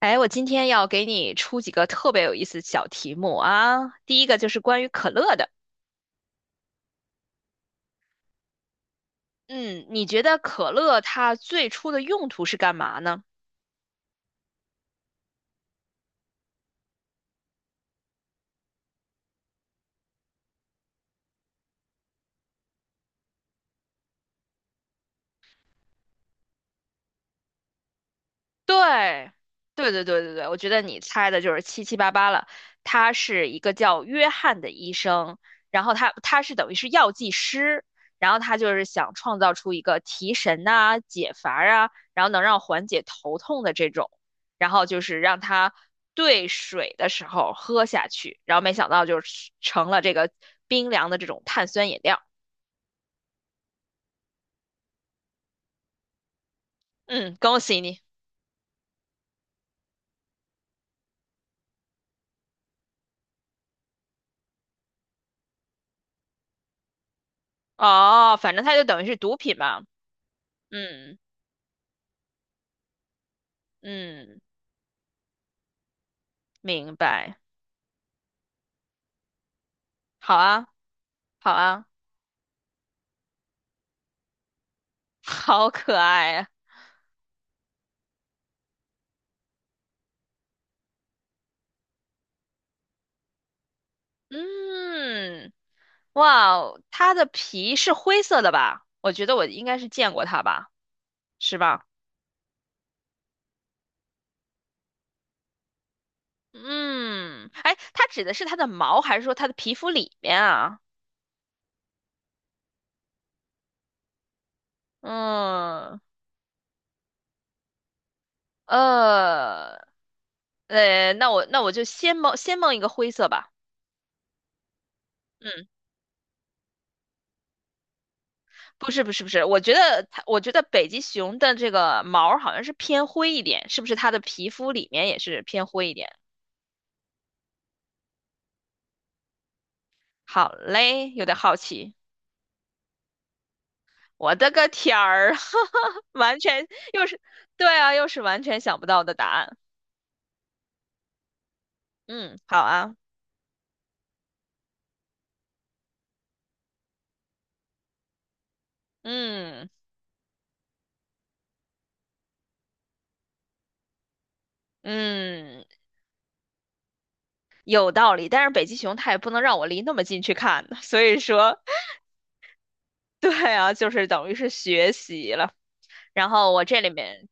哎，我今天要给你出几个特别有意思的小题目啊。第一个就是关于可乐的，嗯，你觉得可乐它最初的用途是干嘛呢？对，对对对，我觉得你猜的就是七七八八了。他是一个叫约翰的医生，然后他是等于是药剂师，然后他就是想创造出一个提神呐、解乏啊，然后能让缓解头痛的这种，然后就是让他兑水的时候喝下去，然后没想到就是成了这个冰凉的这种碳酸饮料。嗯，恭喜你。哦，反正它就等于是毒品嘛。嗯嗯，明白。好啊，好啊，好可爱啊！嗯，哇哦，它的皮是灰色的吧？我觉得我应该是见过它吧，是吧？嗯，哎，它指的是它的毛，还是说它的皮肤里面啊？嗯，呃，那我就先蒙一个灰色吧。嗯，不是不是不是，我觉得它，我觉得北极熊的这个毛儿好像是偏灰一点，是不是它的皮肤里面也是偏灰一点？好嘞，有点好奇。我的个天儿，完全又是，对啊，又是完全想不到的答案。嗯，好啊，嗯嗯，有道理。但是北极熊它也不能让我离那么近去看，所以说，对啊，就是等于是学习了。然后我这里面，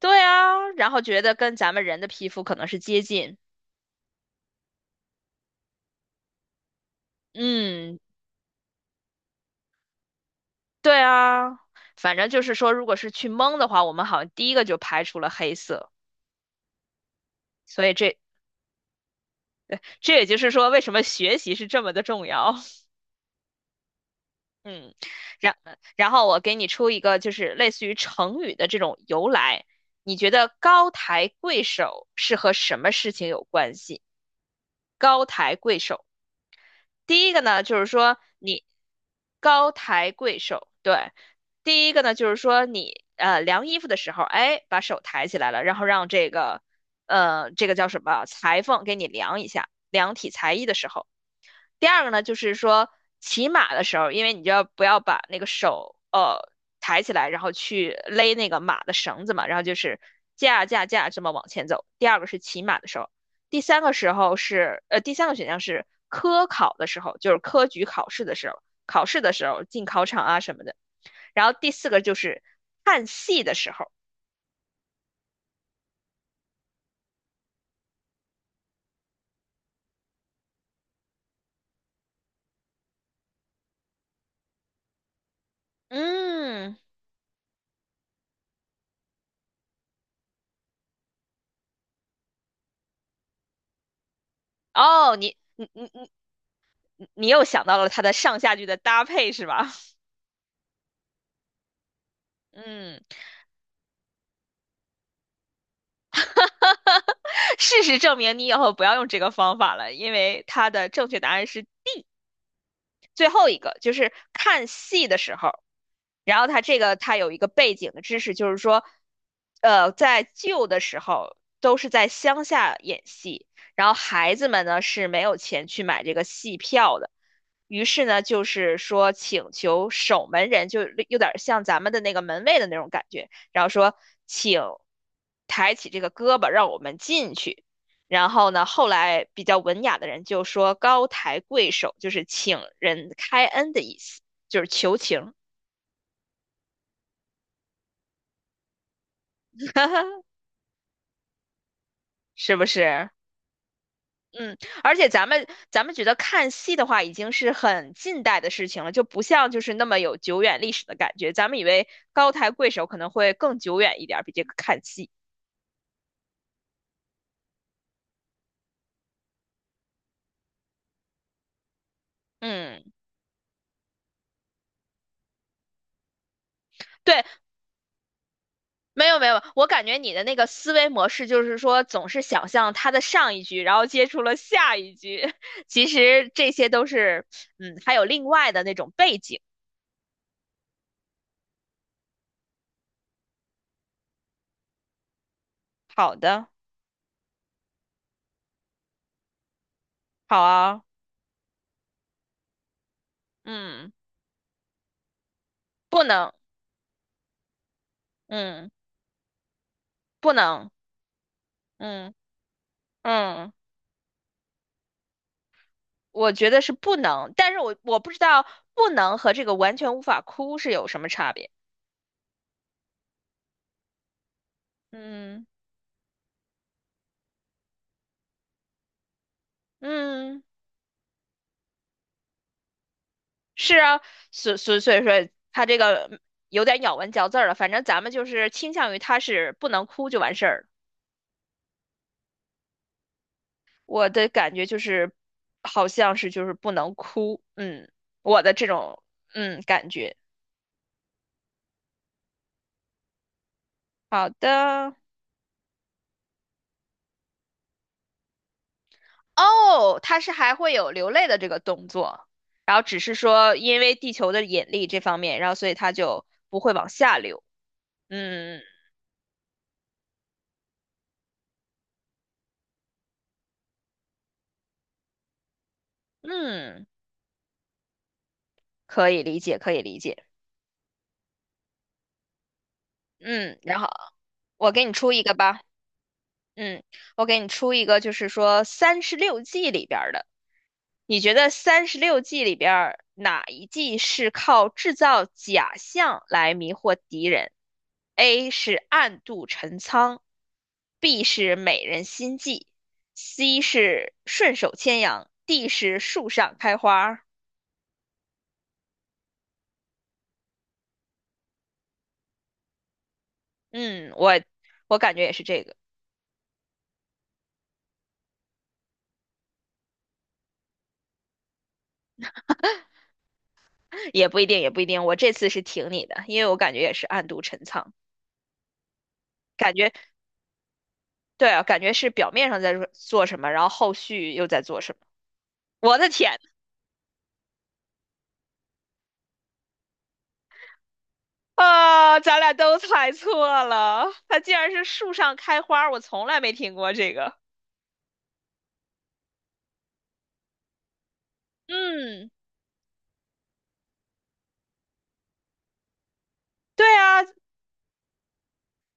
对啊，然后觉得跟咱们人的皮肤可能是接近。嗯，对啊，反正就是说，如果是去蒙的话，我们好像第一个就排除了黑色，所以这也就是说，为什么学习是这么的重要。嗯，然然后我给你出一个，就是类似于成语的这种由来。你觉得高抬贵手是和什么事情有关系？高抬贵手，第一个呢，就是说你高抬贵手，对，第一个呢，就是说你量衣服的时候，哎，把手抬起来了，然后让这个这个叫什么裁缝给你量一下，量体裁衣的时候。第二个呢，就是说骑马的时候，因为你就要不要把那个手抬起来，然后去勒那个马的绳子嘛，然后就是架架架这么往前走。第二个是骑马的时候，第三个时候是第三个选项是科考的时候，就是科举考试的时候，考试的时候进考场啊什么的。然后第四个就是看戏的时候，嗯，哦，你又想到了它的上下句的搭配是吧？嗯。事实证明，你以后不要用这个方法了，因为它的正确答案是 D，最后一个就是看戏的时候，然后它这个它有一个背景的知识，就是说，呃，在旧的时候都是在乡下演戏，然后孩子们呢是没有钱去买这个戏票的，于是呢就是说请求守门人，就有点像咱们的那个门卫的那种感觉，然后说请抬起这个胳膊让我们进去。然后呢，后来比较文雅的人就说高抬贵手，就是请人开恩的意思，就是求情，是不是？嗯，而且咱们觉得看戏的话，已经是很近代的事情了，就不像就是那么有久远历史的感觉。咱们以为高抬贵手可能会更久远一点儿，比这个看戏。嗯，对，没有没有，我感觉你的那个思维模式就是说，总是想象他的上一句，然后接触了下一句。其实这些都是，嗯，还有另外的那种背景。好的，好啊，嗯，不能，嗯，不能，嗯嗯，我觉得是不能，但是我不知道不能和这个完全无法哭是有什么差别。嗯嗯。是啊，所以说他这个有点咬文嚼字儿了。反正咱们就是倾向于他是不能哭就完事儿。我的感觉就是好像是就是不能哭，嗯，我的这种嗯感觉。好的，哦，他是还会有流泪的这个动作，然后只是说因为地球的引力这方面，然后所以他就不会往下流。嗯嗯，可以理解，可以理解。嗯，然后我给你出一个吧。嗯，我给你出一个，就是说三十六计里边儿的，你觉得三十六计里边儿哪一计是靠制造假象来迷惑敌人？A 是暗度陈仓，B 是美人心计，C 是顺手牵羊，D 是树上开花儿嗯，我感觉也是这个，也不一定，也不一定。我这次是挺你的，因为我感觉也是暗度陈仓。感觉。对啊，感觉是表面上在做什么，然后后续又在做什么。我的天啊，咱俩都猜错了，它竟然是树上开花，我从来没听过这个。嗯，对啊，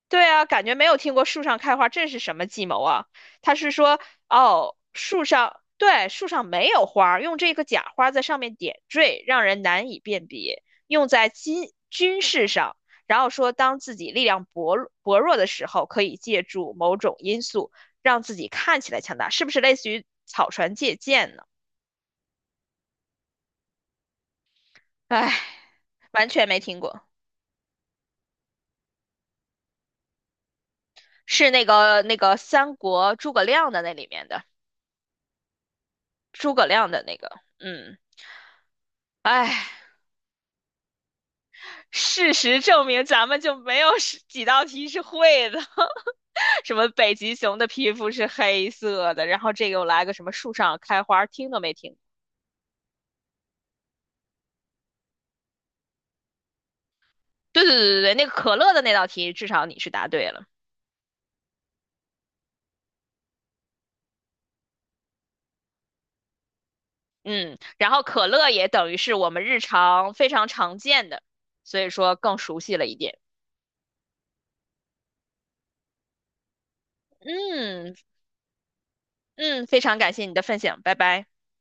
对啊，感觉没有听过树上开花，这是什么计谋啊？他是说，哦，树上，对，树上没有花儿用这个假花在上面点缀，让人难以辨别，用在军事上。然后说，当自己力量薄弱的时候，可以借助某种因素让自己看起来强大，是不是类似于草船借箭呢？唉 完全没听过，是那个三国诸葛亮的那里面的诸葛亮的那个，嗯，唉。事实证明，咱们就没有十几道题是会的。什么北极熊的皮肤是黑色的，然后这个又来个什么树上开花，听都没听。对对对对对，那个可乐的那道题，至少你是答对了。嗯，然后可乐也等于是我们日常非常常见的，所以说更熟悉了一点。嗯嗯，非常感谢你的分享，拜拜。